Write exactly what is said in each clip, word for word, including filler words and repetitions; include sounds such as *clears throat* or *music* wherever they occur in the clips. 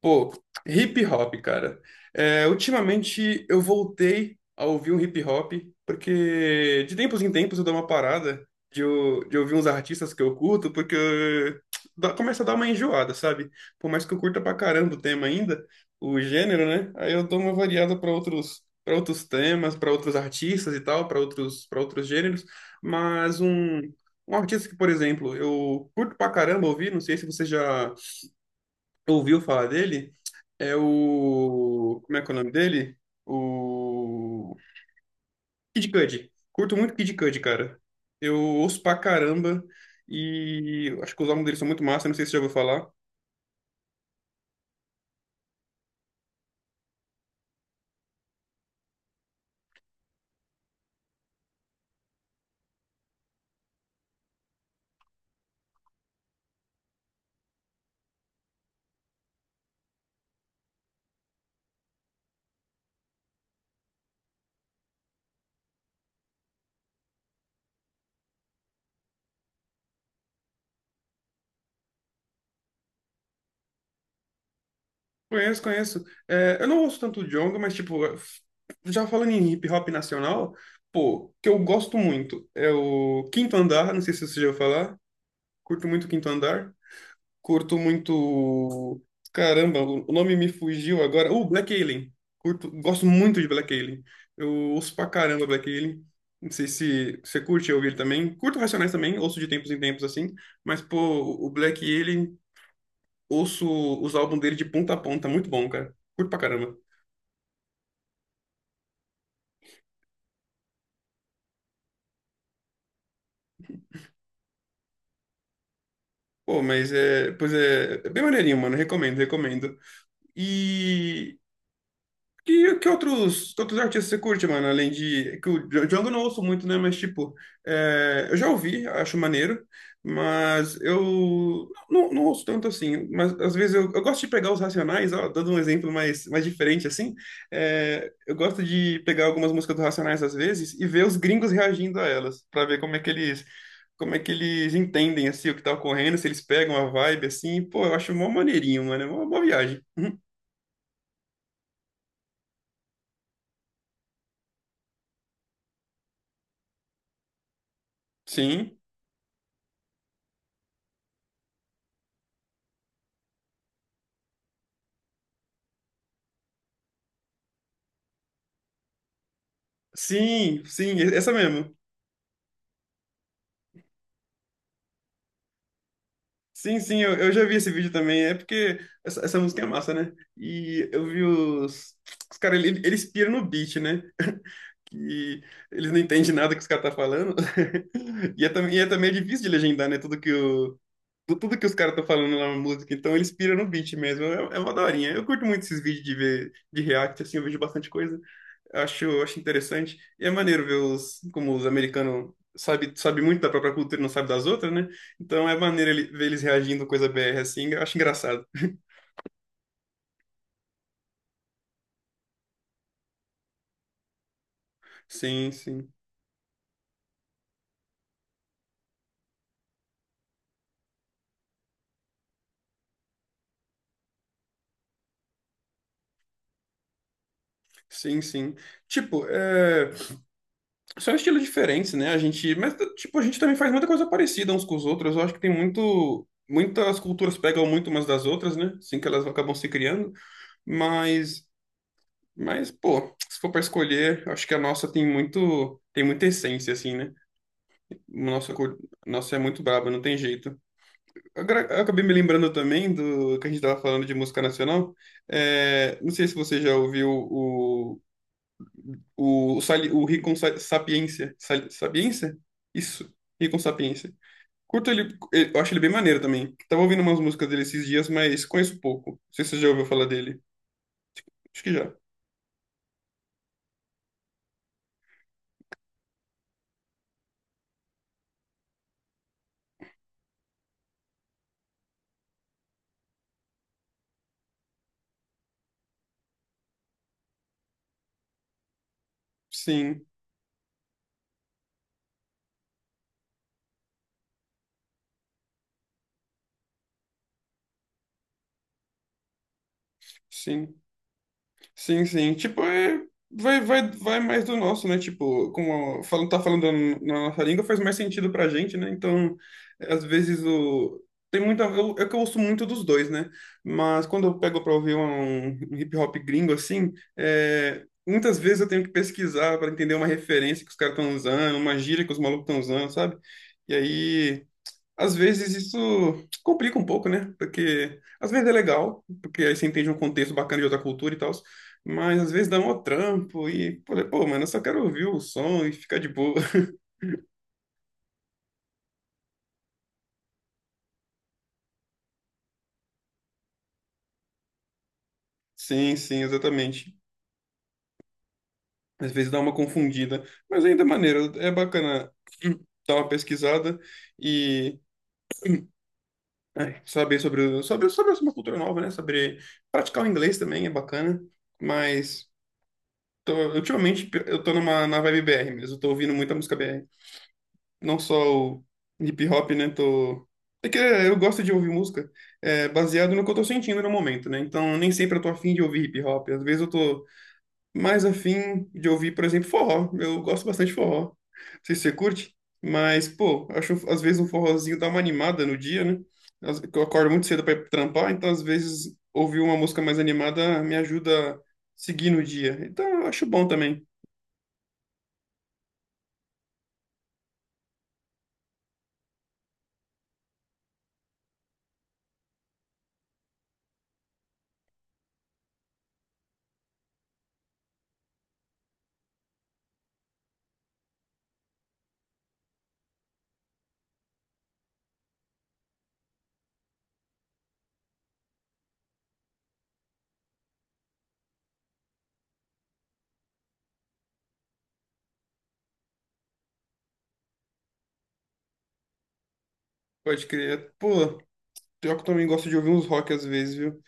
Pô, hip hop, cara. É, ultimamente eu voltei a ouvir um hip hop, porque de tempos em tempos eu dou uma parada de, eu- de ouvir uns artistas que eu curto, porque eu- dá- começa a dar uma enjoada, sabe? Por mais que eu curta pra caramba o tema ainda, o gênero, né? Aí eu dou uma variada pra outros, para outros temas, pra outros artistas e tal, pra outros, para outros gêneros, mas um. Um artista que, por exemplo, eu curto pra caramba ouvir, não sei se você já ouviu falar dele, é o. Como é que é o nome dele? O. Kid Cudi. Curto muito Kid Cudi, cara. Eu ouço pra caramba e acho que os álbuns dele são muito massa, não sei se você já ouviu falar. Conheço, conheço. É, eu não ouço tanto o Djonga, mas, tipo, já falando em hip hop nacional, pô, que eu gosto muito é o Quinto Andar, não sei se você já ouviu falar. Curto muito o Quinto Andar. Curto muito. Caramba, o o nome me fugiu agora. Uh, Black Alien. Curto, gosto muito de Black Alien. Eu ouço pra caramba Black Alien. Não sei se você curte ouvir também. Curto Racionais também, ouço de tempos em tempos assim. Mas, pô, o Black Alien, ouço os álbuns dele de ponta a ponta. Muito bom, cara. Curto pra caramba. Pô, mas é. Pois é, é bem maneirinho, mano. Recomendo, recomendo. E. Que, que outros, que outros artistas você curte, mano? Além de. É Que o Dja- Django eu não ouço muito, né? Mas, tipo, é, eu já ouvi, acho maneiro, mas eu não, não ouço tanto assim. Mas às vezes eu, eu gosto de pegar os Racionais, ó, dando um exemplo mais, mais diferente, assim. É, eu gosto de pegar algumas músicas dos Racionais às vezes e ver os gringos reagindo a elas, pra ver como é que eles. Como é que eles entendem, assim, o que tá ocorrendo, se eles pegam a vibe, assim. Pô, eu acho mó maneirinho, mano. É uma boa viagem. Uhum. Sim. Sim, sim, essa mesmo. Sim, sim, eu, eu já vi esse vídeo também. É porque essa, essa música é massa, né? E eu vi os, os caras, ele- eles piram no beat, né? *laughs* Que eles não entendem nada que os caras tá falando. *laughs* E é, também- e é também difícil de legendar, né? Tudo que, Tu- Tudo que os caras estão falando lá na música, então eles piram no beat mesmo. É, é uma daorinha. Eu curto muito esses vídeos de ver de react, assim, eu vejo bastante coisa. Acho, acho interessante. E é maneiro ver os, como os americanos sabe, sabe muito da própria cultura e não sabe das outras, né? Então é maneiro ele- ver eles reagindo coisa B R assim, eu acho engraçado. Sim, sim. Sim, sim. Tipo, é... são estilos diferentes, né? A gente, mas, tipo, a gente também faz muita coisa parecida uns com os outros. Eu acho que tem muito muitas culturas pegam muito umas das outras, né? Assim que elas acabam se criando. Mas, mas, pô, se for para escolher, acho que a nossa tem muito, tem muita essência, assim, né? Nossa, cu- nossa é muito braba, não tem jeito. Agora, eu acabei me lembrando também do que a gente estava falando de música nacional. É, não sei se você já ouviu o, o, o, Sali- o Rincon Sa- Sapiência. Sali- Sapiência? Isso, Rincon Sapiência. Curto ele, eu acho ele bem maneiro também. Tava ouvindo umas músicas dele esses dias, mas conheço pouco. Não sei se você já ouviu falar dele. Acho que já. Sim. Sim. Sim, sim. Tipo, é, vai, vai, vai mais do nosso, né? Tipo, como falando, tá falando na nossa língua, faz mais sentido pra gente, né? Então, às vezes o. Tem muita. Eu, é que eu ouço muito dos dois, né? Mas quando eu pego pra ouvir um, um hip hop gringo assim, é, muitas vezes eu tenho que pesquisar para entender uma referência que os caras estão usando, uma gíria que os malucos estão usando, sabe? E aí. Às vezes isso complica um pouco, né? Porque às vezes é legal, porque aí você entende um contexto bacana de outra cultura e tal, mas às vezes dá um trampo e, pô, é, pô, mano, eu só quero ouvir o som e ficar de boa. *laughs* Sim, sim, exatamente. Às vezes dá uma confundida, mas ainda é maneiro, é bacana *clears throat* dar uma pesquisada e ai, saber sobre, o- sobre, sobre uma cultura nova, né? Saber praticar o inglês também é bacana, mas tô- ultimamente eu tô numa, na vibe B R mesmo, eu tô ouvindo muita música B R. Não só o hip hop, né? Tô... É que eu gosto de ouvir música é, baseado no que eu tô sentindo no momento, né? Então, nem sempre eu tô afim de ouvir hip hop. Às vezes eu tô mais afim de ouvir, por exemplo, forró. Eu gosto bastante de forró. Não sei se você curte, mas, pô, acho às vezes um forrozinho dá uma animada no dia, né? Às- Eu acordo muito cedo para trampar, então às vezes ouvir uma música mais animada me ajuda a seguir no dia. Então, eu acho bom também. Pode crer. Pô, pior que eu também gosto de ouvir uns rock às vezes, viu?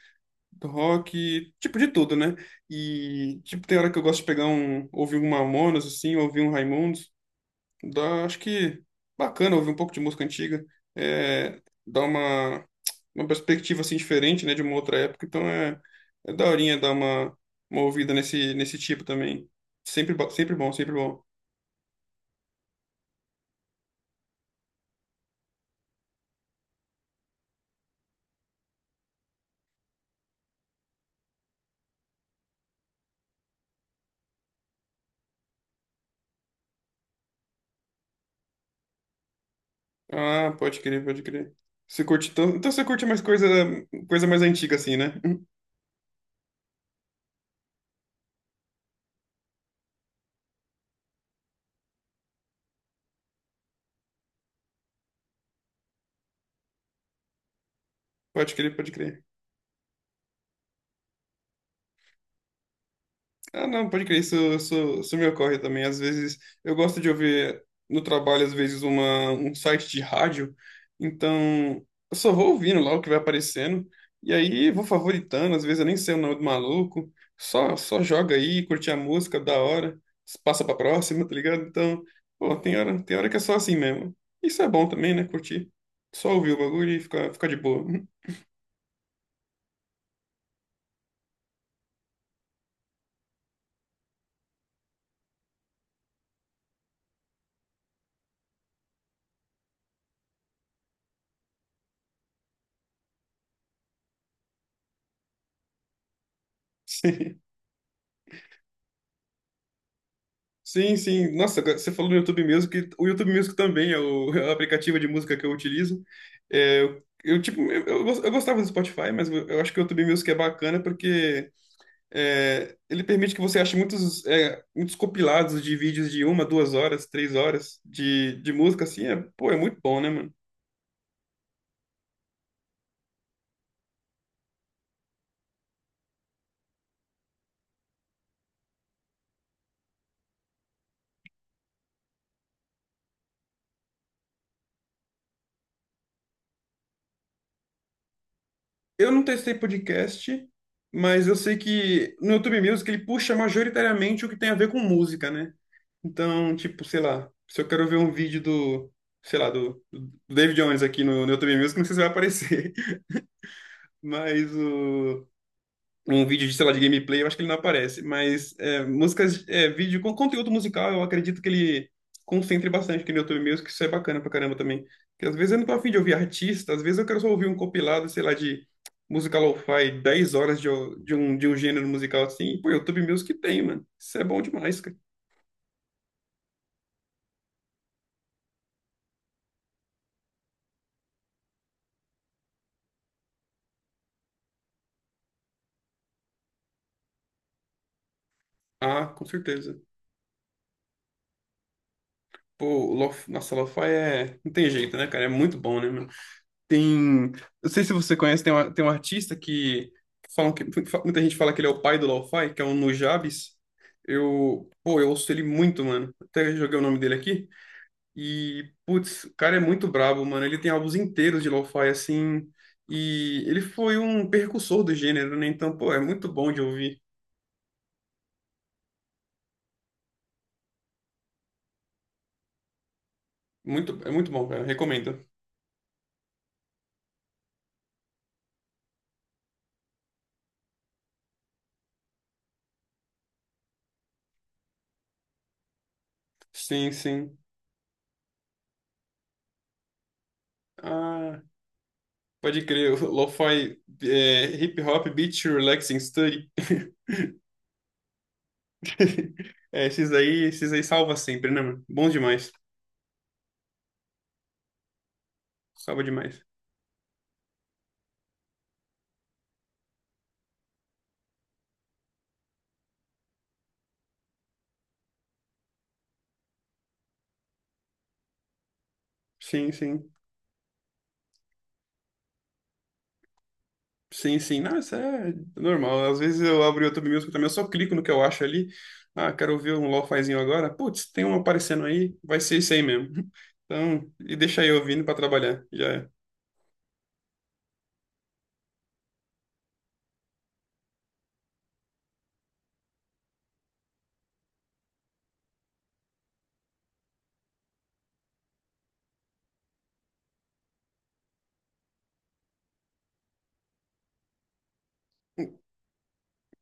Do rock, tipo de tudo, né? E tipo tem hora que eu gosto de pegar um, ouvir um Mamonas assim, ouvir um Raimundos, dá, acho que bacana ouvir um pouco de música antiga, é, dá uma uma perspectiva assim diferente, né, de uma outra época, então é é daorinha dar uma uma ouvida nesse nesse tipo também. Sempre bo- sempre bom, sempre bom. Ah, pode crer, pode crer. Você curte então, então você curte mais coisa coisa mais antiga assim, né? *laughs* Pode crer, pode crer. Ah, não, pode crer, isso, isso, isso me ocorre também. Às vezes, eu gosto de ouvir no trabalho, às vezes, uma, um site de rádio, então eu só vou ouvindo lá o que vai aparecendo, e aí vou favoritando, às vezes eu nem sei o nome do maluco, só, só joga aí, curte a música, da hora, passa pra próxima, tá ligado? Então, pô, tem hora, tem hora que é só assim mesmo. Isso é bom também, né? Curtir. Só ouvir o bagulho e ficar, ficar de boa. *laughs* Sim, sim. Nossa, agora você falou no YouTube Music. O YouTube Music também é o, *laughs* é o aplicativo de música que eu utilizo. É, eu, eu, tipo, eu, eu gos- eu gostava do Spotify, mas eu, eu acho que o YouTube Music é bacana porque é, ele permite que você ache muitos, é, muitos compilados de vídeos de uma, duas horas, três horas de, de música, assim. É, pô, é muito bom, né, mano? Eu não testei podcast, mas eu sei que no YouTube Music ele puxa majoritariamente o que tem a ver com música, né? Então, tipo, sei lá, se eu quero ver um vídeo do, sei lá, do, do David Jones aqui no, no YouTube Music, não sei se vai aparecer. *laughs* Mas o um vídeo de, sei lá, de gameplay, eu acho que ele não aparece, mas é, músicas, é, vídeo com conteúdo musical, eu acredito que ele concentre bastante aqui no YouTube Music, isso é bacana pra caramba também. Porque às vezes eu não tô afim de ouvir artista, às vezes eu quero só ouvir um compilado, sei lá, de música lo-fi, dez horas de, o- de um, de um gênero musical assim, e pô, YouTube Music tem, mano. Isso é bom demais, cara. Ah, com certeza. Pô, lo, nossa, lo-fi é... não tem jeito, né, cara? É muito bom, né, mano? Tem. Eu sei se você conhece, tem, uma, tem um artista que, falam que. Muita gente fala que ele é o pai do lo-fi, que é o Nujabes. Eu. Pô, eu ouço ele muito, mano. Até joguei o nome dele aqui. E, putz, o cara é muito brabo, mano. Ele tem álbuns inteiros de lo-fi, assim. E ele foi um precursor do gênero, né? Então, pô, é muito bom de ouvir. Muito, é muito bom, cara. Recomendo. Sim, sim. Ah, pode crer. O Lo-fi, é, hip hop, beat, relaxing, study. *laughs* *laughs* É, esses aí, esses aí salva sempre, né, mano? Bom demais. Salva demais. Sim, sim. Sim, sim. Não, isso é normal. Às vezes eu abro o YouTube Music também, eu só clico no que eu acho ali. Ah, quero ouvir um lofazinho agora. Putz, tem um aparecendo aí, vai ser isso aí mesmo. *laughs* Então, e deixa eu ouvindo pra trabalhar. Já é.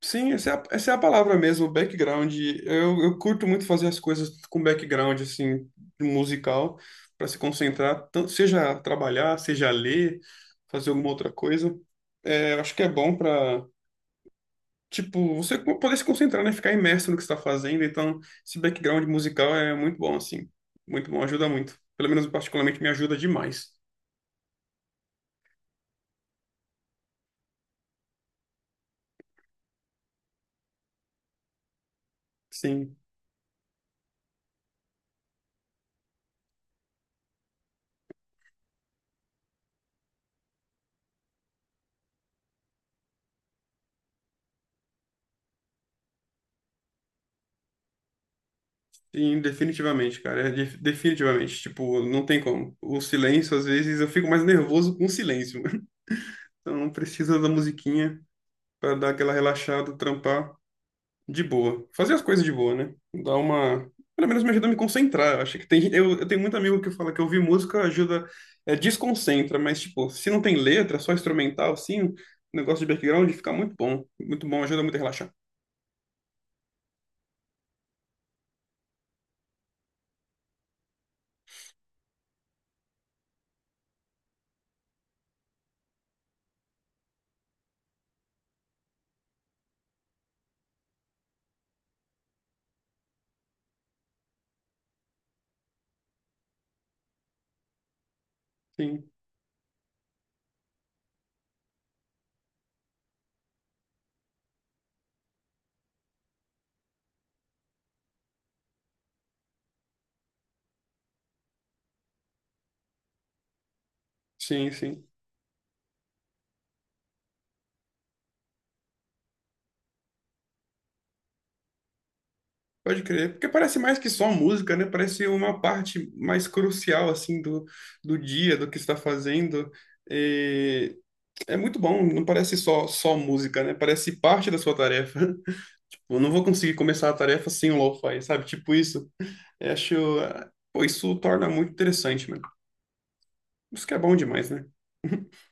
Sim, essa é a, essa é a palavra mesmo, background. Eu, eu curto muito fazer as coisas com background, assim, musical, para se concentrar, tanto, seja trabalhar, seja ler, fazer alguma outra coisa. É, eu acho que é bom para, tipo, você poder se concentrar, né? Ficar imerso no que você está fazendo. Então, esse background musical é muito bom, assim. Muito bom, ajuda muito. Pelo menos, particularmente, me ajuda demais. Sim. Sim, definitivamente, cara. É de- Definitivamente. Tipo, não tem como. O silêncio, às vezes, eu fico mais nervoso com o silêncio. *laughs* Então, não precisa da musiquinha para dar aquela relaxada, trampar de boa. Fazer as coisas de boa, né? Dar uma. Pelo menos me ajuda a me concentrar. Eu Acho que tem. gente- Eu, eu tenho muito amigo que fala que ouvir música ajuda. É, desconcentra, mas, tipo, se não tem letra, só instrumental, assim, o negócio de background fica muito bom. Muito bom, ajuda muito a relaxar. Sim, sim, sim. Pode crer, porque parece mais que só música, né? Parece uma parte mais crucial, assim, do, do dia, do que está fazendo. E é muito bom, não parece só, só música, né? Parece parte da sua tarefa. *laughs* Eu não vou conseguir começar a tarefa sem o lo-fi, sabe? Tipo isso. Eu acho... Pô, isso torna muito interessante, mano. Isso que é bom demais, né? *laughs*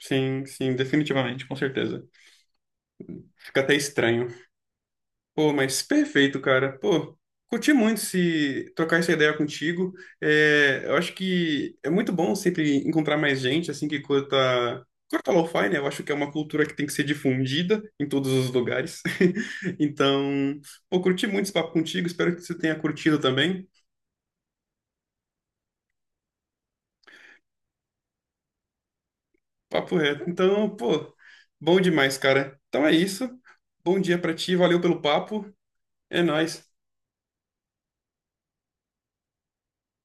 Sim, sim, definitivamente, com certeza. Fica até estranho. Pô, mas perfeito, cara. Pô, curti muito se trocar essa ideia contigo. É, eu acho que é muito bom sempre encontrar mais gente assim que curta, curta lo-fi, né? Eu acho que é uma cultura que tem que ser difundida em todos os lugares. *laughs* Então, pô, curti muito esse papo contigo. Espero que você tenha curtido também. Papo reto. Então, pô, bom demais, cara. Então é isso. Bom dia pra ti. Valeu pelo papo. É nóis.